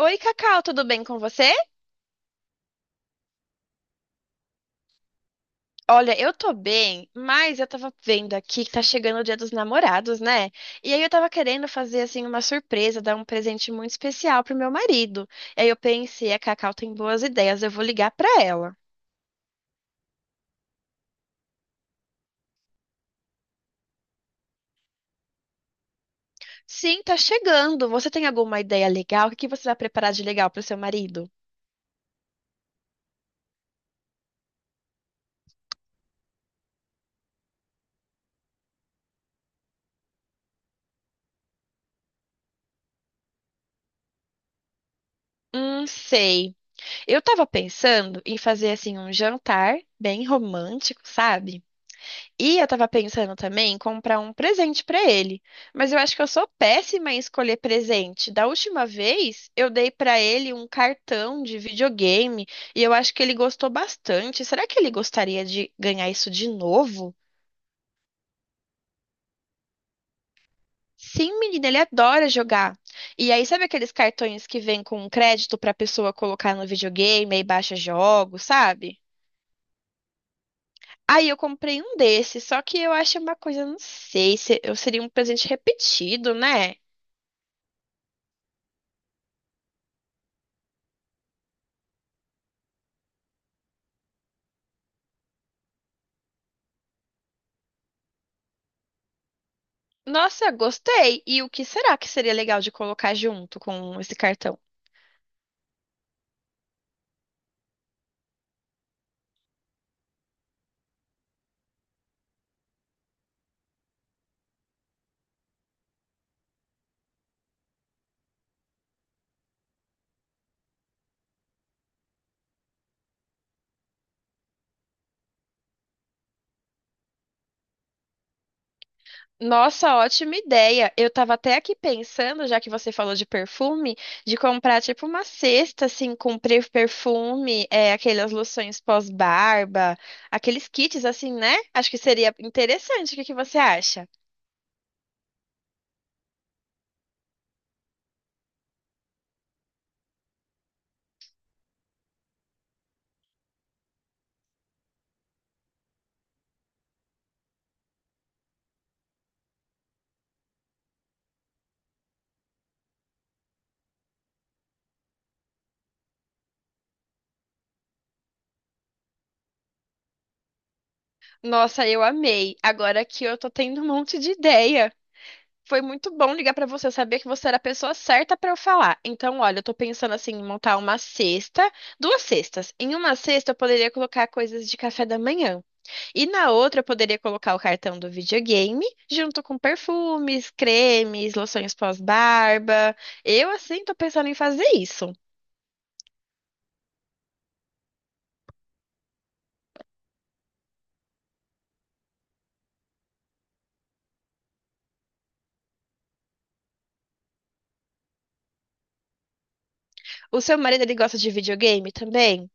Oi, Cacau, tudo bem com você? Olha, eu tô bem, mas eu tava vendo aqui que tá chegando o Dia dos Namorados, né? E aí eu tava querendo fazer assim uma surpresa, dar um presente muito especial pro meu marido. E aí eu pensei, a Cacau tem boas ideias, eu vou ligar pra ela. Sim, tá chegando. Você tem alguma ideia legal? O que que você vai preparar de legal pro seu marido? Sei. Eu tava pensando em fazer assim um jantar bem romântico, sabe? E eu tava pensando também em comprar um presente pra ele. Mas eu acho que eu sou péssima em escolher presente. Da última vez, eu dei pra ele um cartão de videogame e eu acho que ele gostou bastante. Será que ele gostaria de ganhar isso de novo? Sim, menina, ele adora jogar. E aí, sabe aqueles cartões que vêm com um crédito pra pessoa colocar no videogame e baixa jogos, sabe? Aí eu comprei um desses, só que eu acho uma coisa, não sei, se eu seria um presente repetido, né? Nossa, gostei. E o que será que seria legal de colocar junto com esse cartão? Nossa, ótima ideia. Eu tava até aqui pensando, já que você falou de perfume, de comprar tipo uma cesta assim com perfume, aquelas loções pós-barba, aqueles kits assim, né? Acho que seria interessante. O que que você acha? Nossa, eu amei. Agora que eu tô tendo um monte de ideia. Foi muito bom ligar pra você, eu sabia que você era a pessoa certa pra eu falar. Então, olha, eu tô pensando assim em montar uma cesta, duas cestas. Em uma cesta eu poderia colocar coisas de café da manhã. E na outra eu poderia colocar o cartão do videogame junto com perfumes, cremes, loções pós-barba. Eu assim tô pensando em fazer isso. O seu marido ele gosta de videogame também?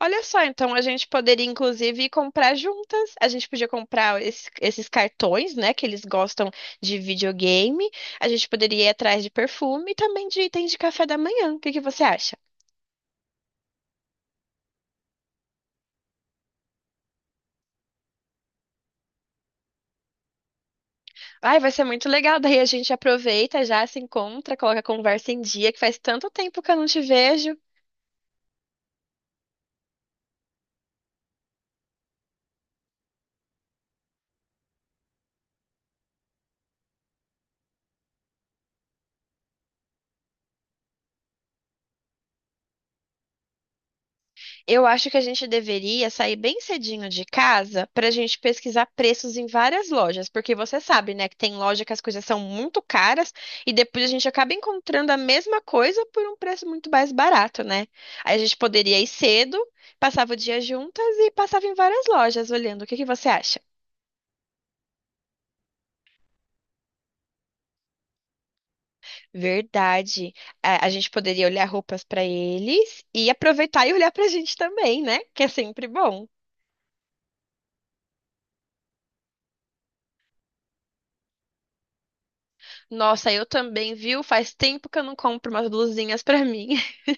Olha só, então a gente poderia inclusive comprar juntas. A gente podia comprar esses cartões, né, que eles gostam de videogame. A gente poderia ir atrás de perfume e também de itens de café da manhã. O que que você acha? Ai, vai ser muito legal. Daí a gente aproveita, já se encontra, coloca a conversa em dia, que faz tanto tempo que eu não te vejo. Eu acho que a gente deveria sair bem cedinho de casa para a gente pesquisar preços em várias lojas, porque você sabe, né, que tem loja que as coisas são muito caras e depois a gente acaba encontrando a mesma coisa por um preço muito mais barato, né? Aí a gente poderia ir cedo, passava o dia juntas e passava em várias lojas olhando. O que que você acha? Verdade. A gente poderia olhar roupas para eles e aproveitar e olhar para a gente também, né? Que é sempre bom. Nossa, eu também, viu? Faz tempo que eu não compro umas blusinhas pra mim.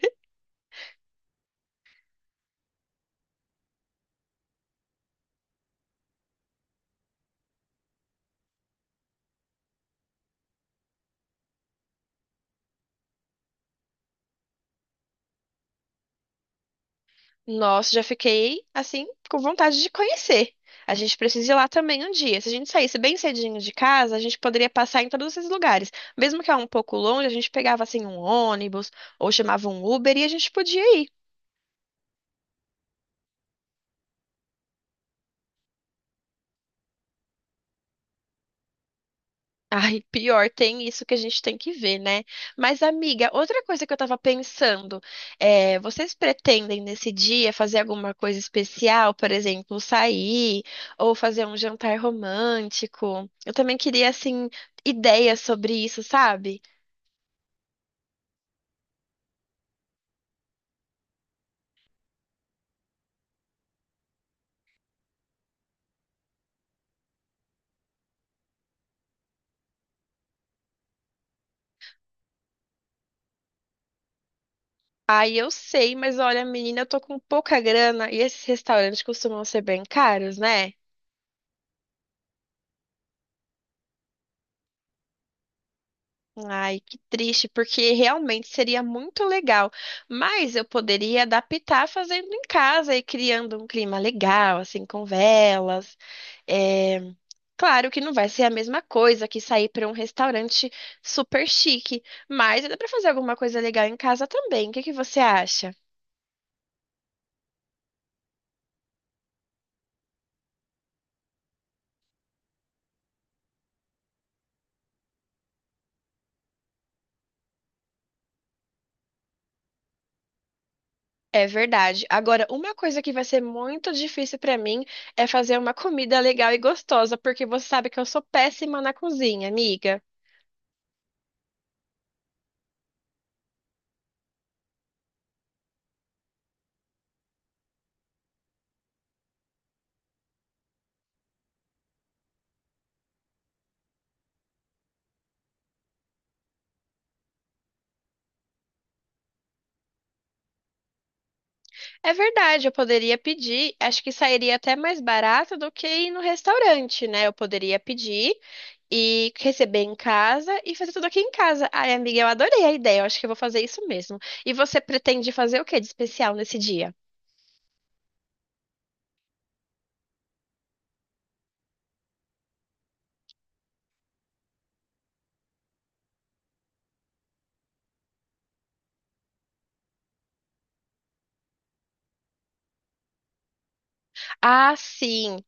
Nossa, já fiquei assim com vontade de conhecer. A gente precisa ir lá também um dia. Se a gente saísse bem cedinho de casa, a gente poderia passar em todos esses lugares. Mesmo que é um pouco longe, a gente pegava assim um ônibus ou chamava um Uber e a gente podia ir. Ai, pior, tem isso que a gente tem que ver, né? Mas, amiga, outra coisa que eu tava pensando, vocês pretendem nesse dia fazer alguma coisa especial, por exemplo, sair ou fazer um jantar romântico? Eu também queria, assim, ideias sobre isso, sabe? Ai, eu sei, mas olha, menina, eu tô com pouca grana e esses restaurantes costumam ser bem caros, né? Ai, que triste, porque realmente seria muito legal. Mas eu poderia adaptar fazendo em casa e criando um clima legal, assim, com velas. É, Claro que não vai ser a mesma coisa que sair para um restaurante super chique, mas dá para fazer alguma coisa legal em casa também. O que que você acha? É verdade. Agora, uma coisa que vai ser muito difícil para mim é fazer uma comida legal e gostosa, porque você sabe que eu sou péssima na cozinha, amiga. É verdade, eu poderia pedir, acho que sairia até mais barato do que ir no restaurante, né? Eu poderia pedir e receber em casa e fazer tudo aqui em casa. Ai, amiga, eu adorei a ideia, eu acho que eu vou fazer isso mesmo. E você pretende fazer o que de especial nesse dia? Ah, sim.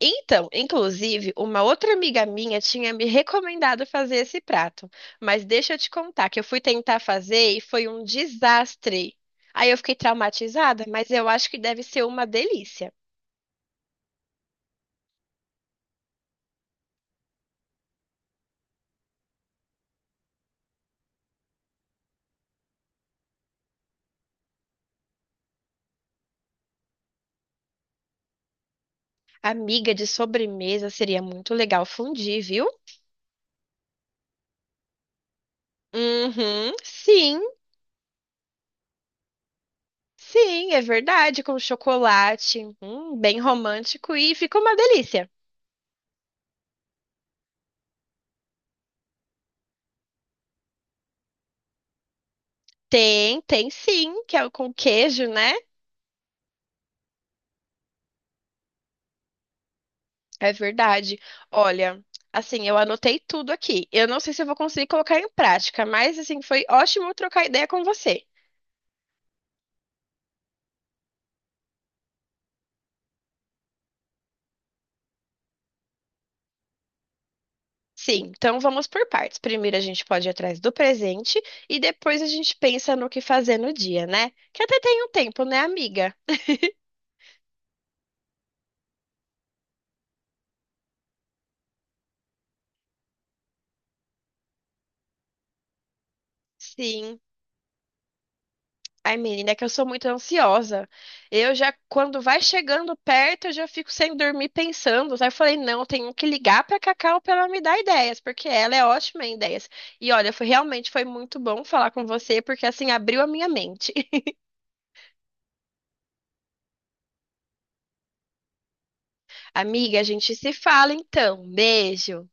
Então, inclusive, uma outra amiga minha tinha me recomendado fazer esse prato, mas deixa eu te contar que eu fui tentar fazer e foi um desastre. Aí eu fiquei traumatizada, mas eu acho que deve ser uma delícia. Amiga de sobremesa seria muito legal fundir, viu? Uhum, sim, sim, é verdade, com chocolate, bem romântico e fica uma delícia. Tem, tem sim, que é o com queijo, né? É verdade. Olha, assim, eu anotei tudo aqui. Eu não sei se eu vou conseguir colocar em prática, mas assim, foi ótimo trocar ideia com você. Sim, então vamos por partes. Primeiro a gente pode ir atrás do presente e depois a gente pensa no que fazer no dia, né? Que até tem um tempo, né, amiga? Sim. Ai, menina, é que eu sou muito ansiosa. Eu já, quando vai chegando perto, eu já fico sem dormir pensando. Aí eu falei, não, eu tenho que ligar pra Cacau pra ela me dar ideias, porque ela é ótima em ideias. E olha, foi realmente foi muito bom falar com você, porque assim abriu a minha mente. Amiga, a gente se fala então. Beijo.